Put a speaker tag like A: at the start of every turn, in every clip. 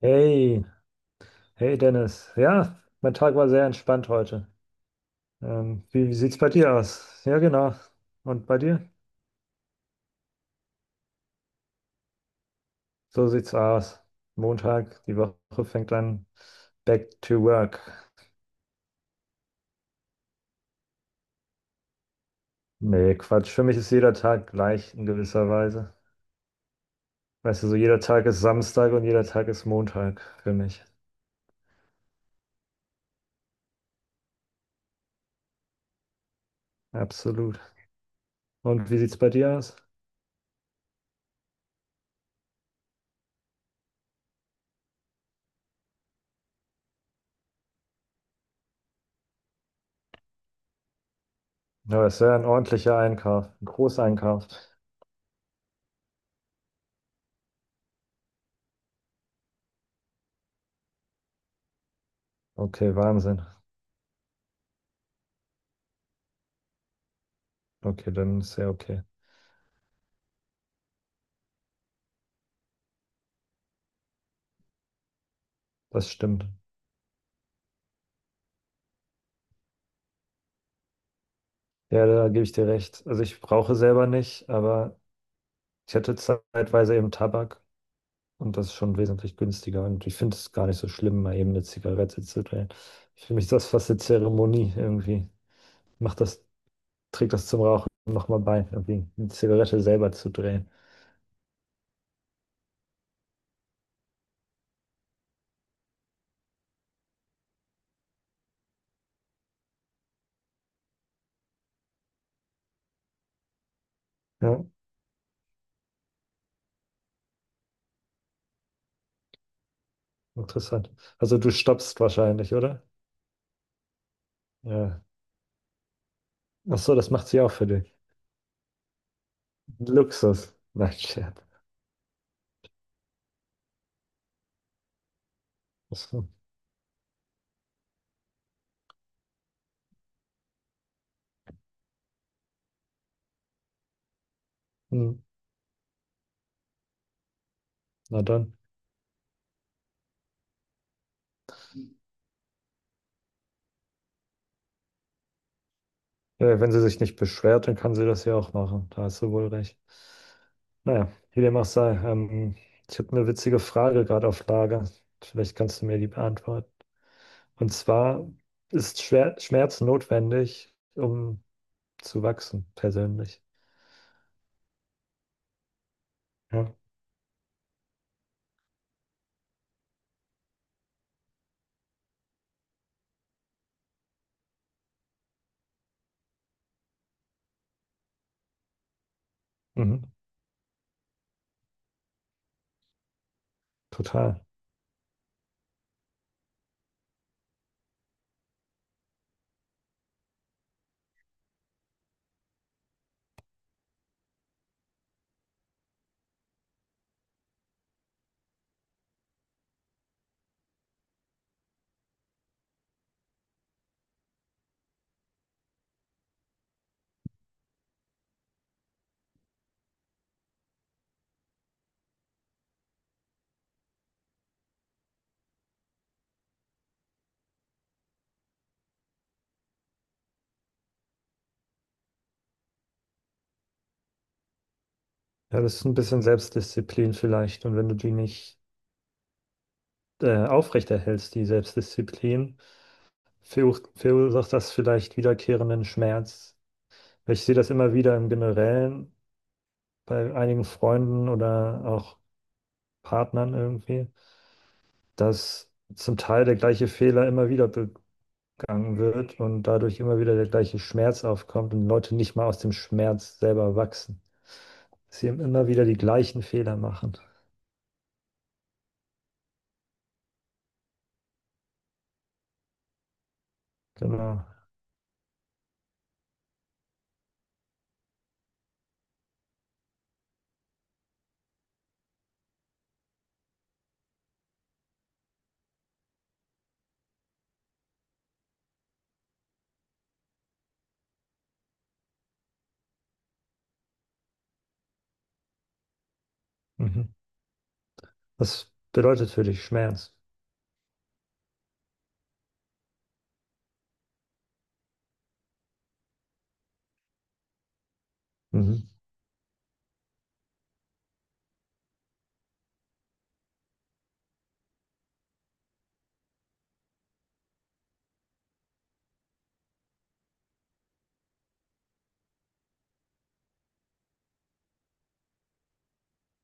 A: Hey, hey Dennis. Ja, mein Tag war sehr entspannt heute. Wie sieht's bei dir aus? Ja, genau. Und bei dir? So sieht's aus. Montag, die Woche fängt an. Back to work. Nee, Quatsch. Für mich ist jeder Tag gleich in gewisser Weise. Weißt du, so jeder Tag ist Samstag und jeder Tag ist Montag für mich. Absolut. Und wie sieht's bei dir aus? Ja, das ist ja ein ordentlicher Einkauf, ein Großeinkauf. Okay, Wahnsinn. Okay, dann ist ja okay. Das stimmt. Ja, da gebe ich dir recht. Also ich rauche selber nicht, aber ich hatte zeitweise eben Tabak und das ist schon wesentlich günstiger. Und ich finde es gar nicht so schlimm, mal eben eine Zigarette zu drehen. Für mich ist das fast eine Zeremonie irgendwie. Macht das, Trägt das zum Rauchen nochmal bei, irgendwie eine Zigarette selber zu drehen. Ja, interessant. Also du stoppst wahrscheinlich, oder? Ja. Ach so, das macht sie auch für dich. Luxus. Nein, Scherz. Ach so. Hm. Na dann. Wenn sie sich nicht beschwert, dann kann sie das ja auch machen. Da hast du wohl recht. Naja, wie dem auch sei. Ich habe eine witzige Frage gerade auf Lager. Vielleicht kannst du mir die beantworten. Und zwar ist Schwer Schmerz notwendig, um zu wachsen, persönlich. Ja, mhm. Total. Ja, das ist ein bisschen Selbstdisziplin vielleicht. Und wenn du die nicht aufrechterhältst, die Selbstdisziplin, verursacht das vielleicht wiederkehrenden Schmerz. Ich sehe das immer wieder im Generellen bei einigen Freunden oder auch Partnern irgendwie, dass zum Teil der gleiche Fehler immer wieder begangen wird und dadurch immer wieder der gleiche Schmerz aufkommt und Leute nicht mal aus dem Schmerz selber wachsen. Sie immer wieder die gleichen Fehler machen. Genau. Mhm. Was bedeutet für dich Schmerz? Mhm.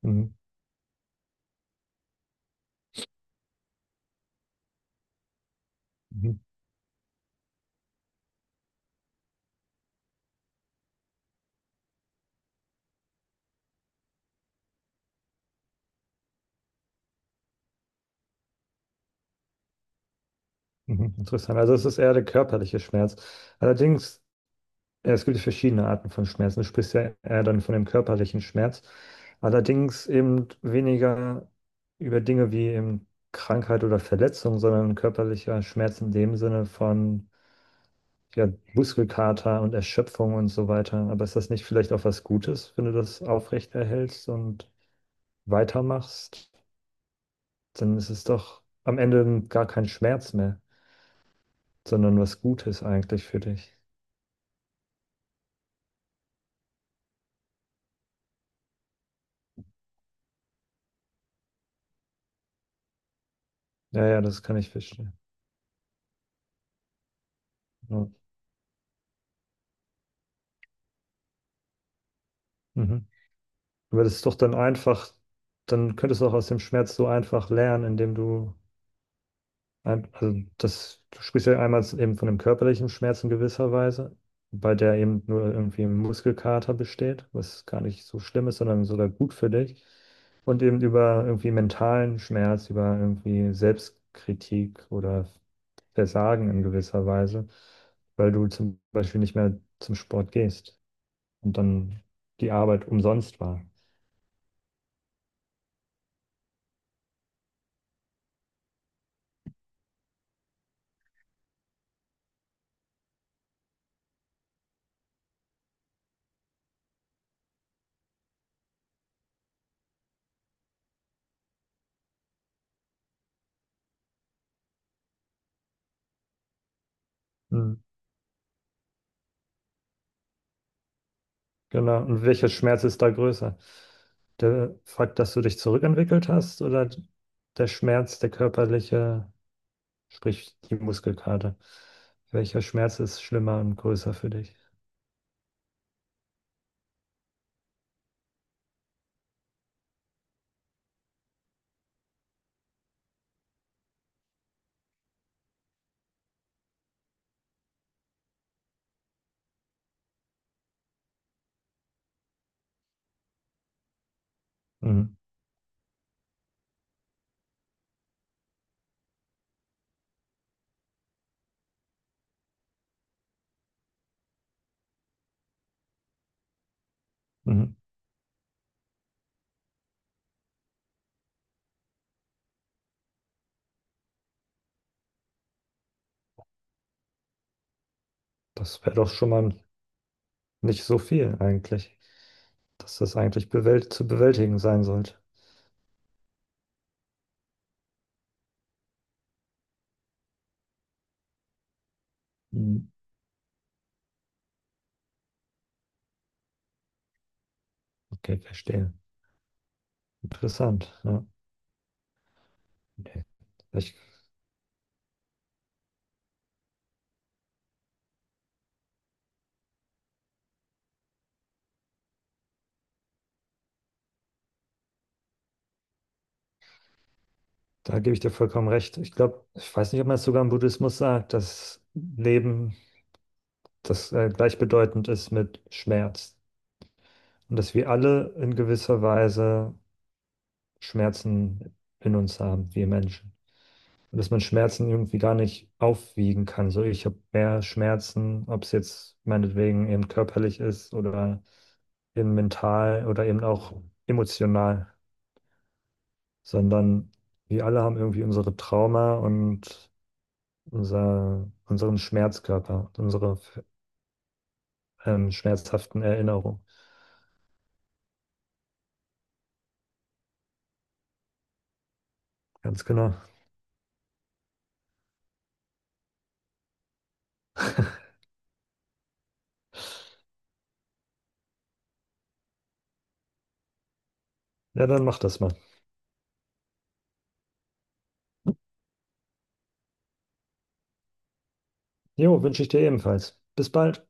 A: Mhm. Mhm. Mhm. Mhm. Interessant. Also es ist eher der körperliche Schmerz. Allerdings. Ja, es gibt ja verschiedene Arten von Schmerzen. Du sprichst ja eher dann von dem körperlichen Schmerz. Allerdings eben weniger über Dinge wie eben Krankheit oder Verletzung, sondern körperlicher Schmerz in dem Sinne von ja, Muskelkater und Erschöpfung und so weiter. Aber ist das nicht vielleicht auch was Gutes, wenn du das aufrechterhältst und weitermachst? Dann ist es doch am Ende gar kein Schmerz mehr, sondern was Gutes eigentlich für dich. Ja, ja, das kann ich verstehen. Ja. Mhm. Aber das ist doch dann einfach, dann könntest du auch aus dem Schmerz so einfach lernen, indem du, also das, du sprichst ja einmal eben von dem körperlichen Schmerz in gewisser Weise, bei der eben nur irgendwie ein Muskelkater besteht, was gar nicht so schlimm ist, sondern sogar gut für dich. Und eben über irgendwie mentalen Schmerz, über irgendwie Selbstkritik oder Versagen in gewisser Weise, weil du zum Beispiel nicht mehr zum Sport gehst und dann die Arbeit umsonst war. Genau. Und welcher Schmerz ist da größer? Der Fakt, dass du dich zurückentwickelt hast oder der Schmerz, der körperliche, sprich die Muskelkater? Welcher Schmerz ist schlimmer und größer für dich? Mhm. Mhm. Das wäre doch schon mal nicht so viel eigentlich, dass das eigentlich bewält zu bewältigen sein sollte. Mhm. Okay, verstehe. Interessant. Ja. Ich, Da gebe ich dir vollkommen recht. Ich glaube, ich weiß nicht, ob man es sogar im Buddhismus sagt, dass Leben das gleichbedeutend ist mit Schmerz. Und dass wir alle in gewisser Weise Schmerzen in uns haben, wir Menschen. Und dass man Schmerzen irgendwie gar nicht aufwiegen kann. So, ich habe mehr Schmerzen, ob es jetzt meinetwegen eben körperlich ist oder eben mental oder eben auch emotional, sondern wir alle haben irgendwie unsere Trauma und unseren Schmerzkörper, unsere schmerzhaften Erinnerungen. Ganz genau. Ja, dann mach das mal. Jo, wünsche ich dir ebenfalls. Bis bald.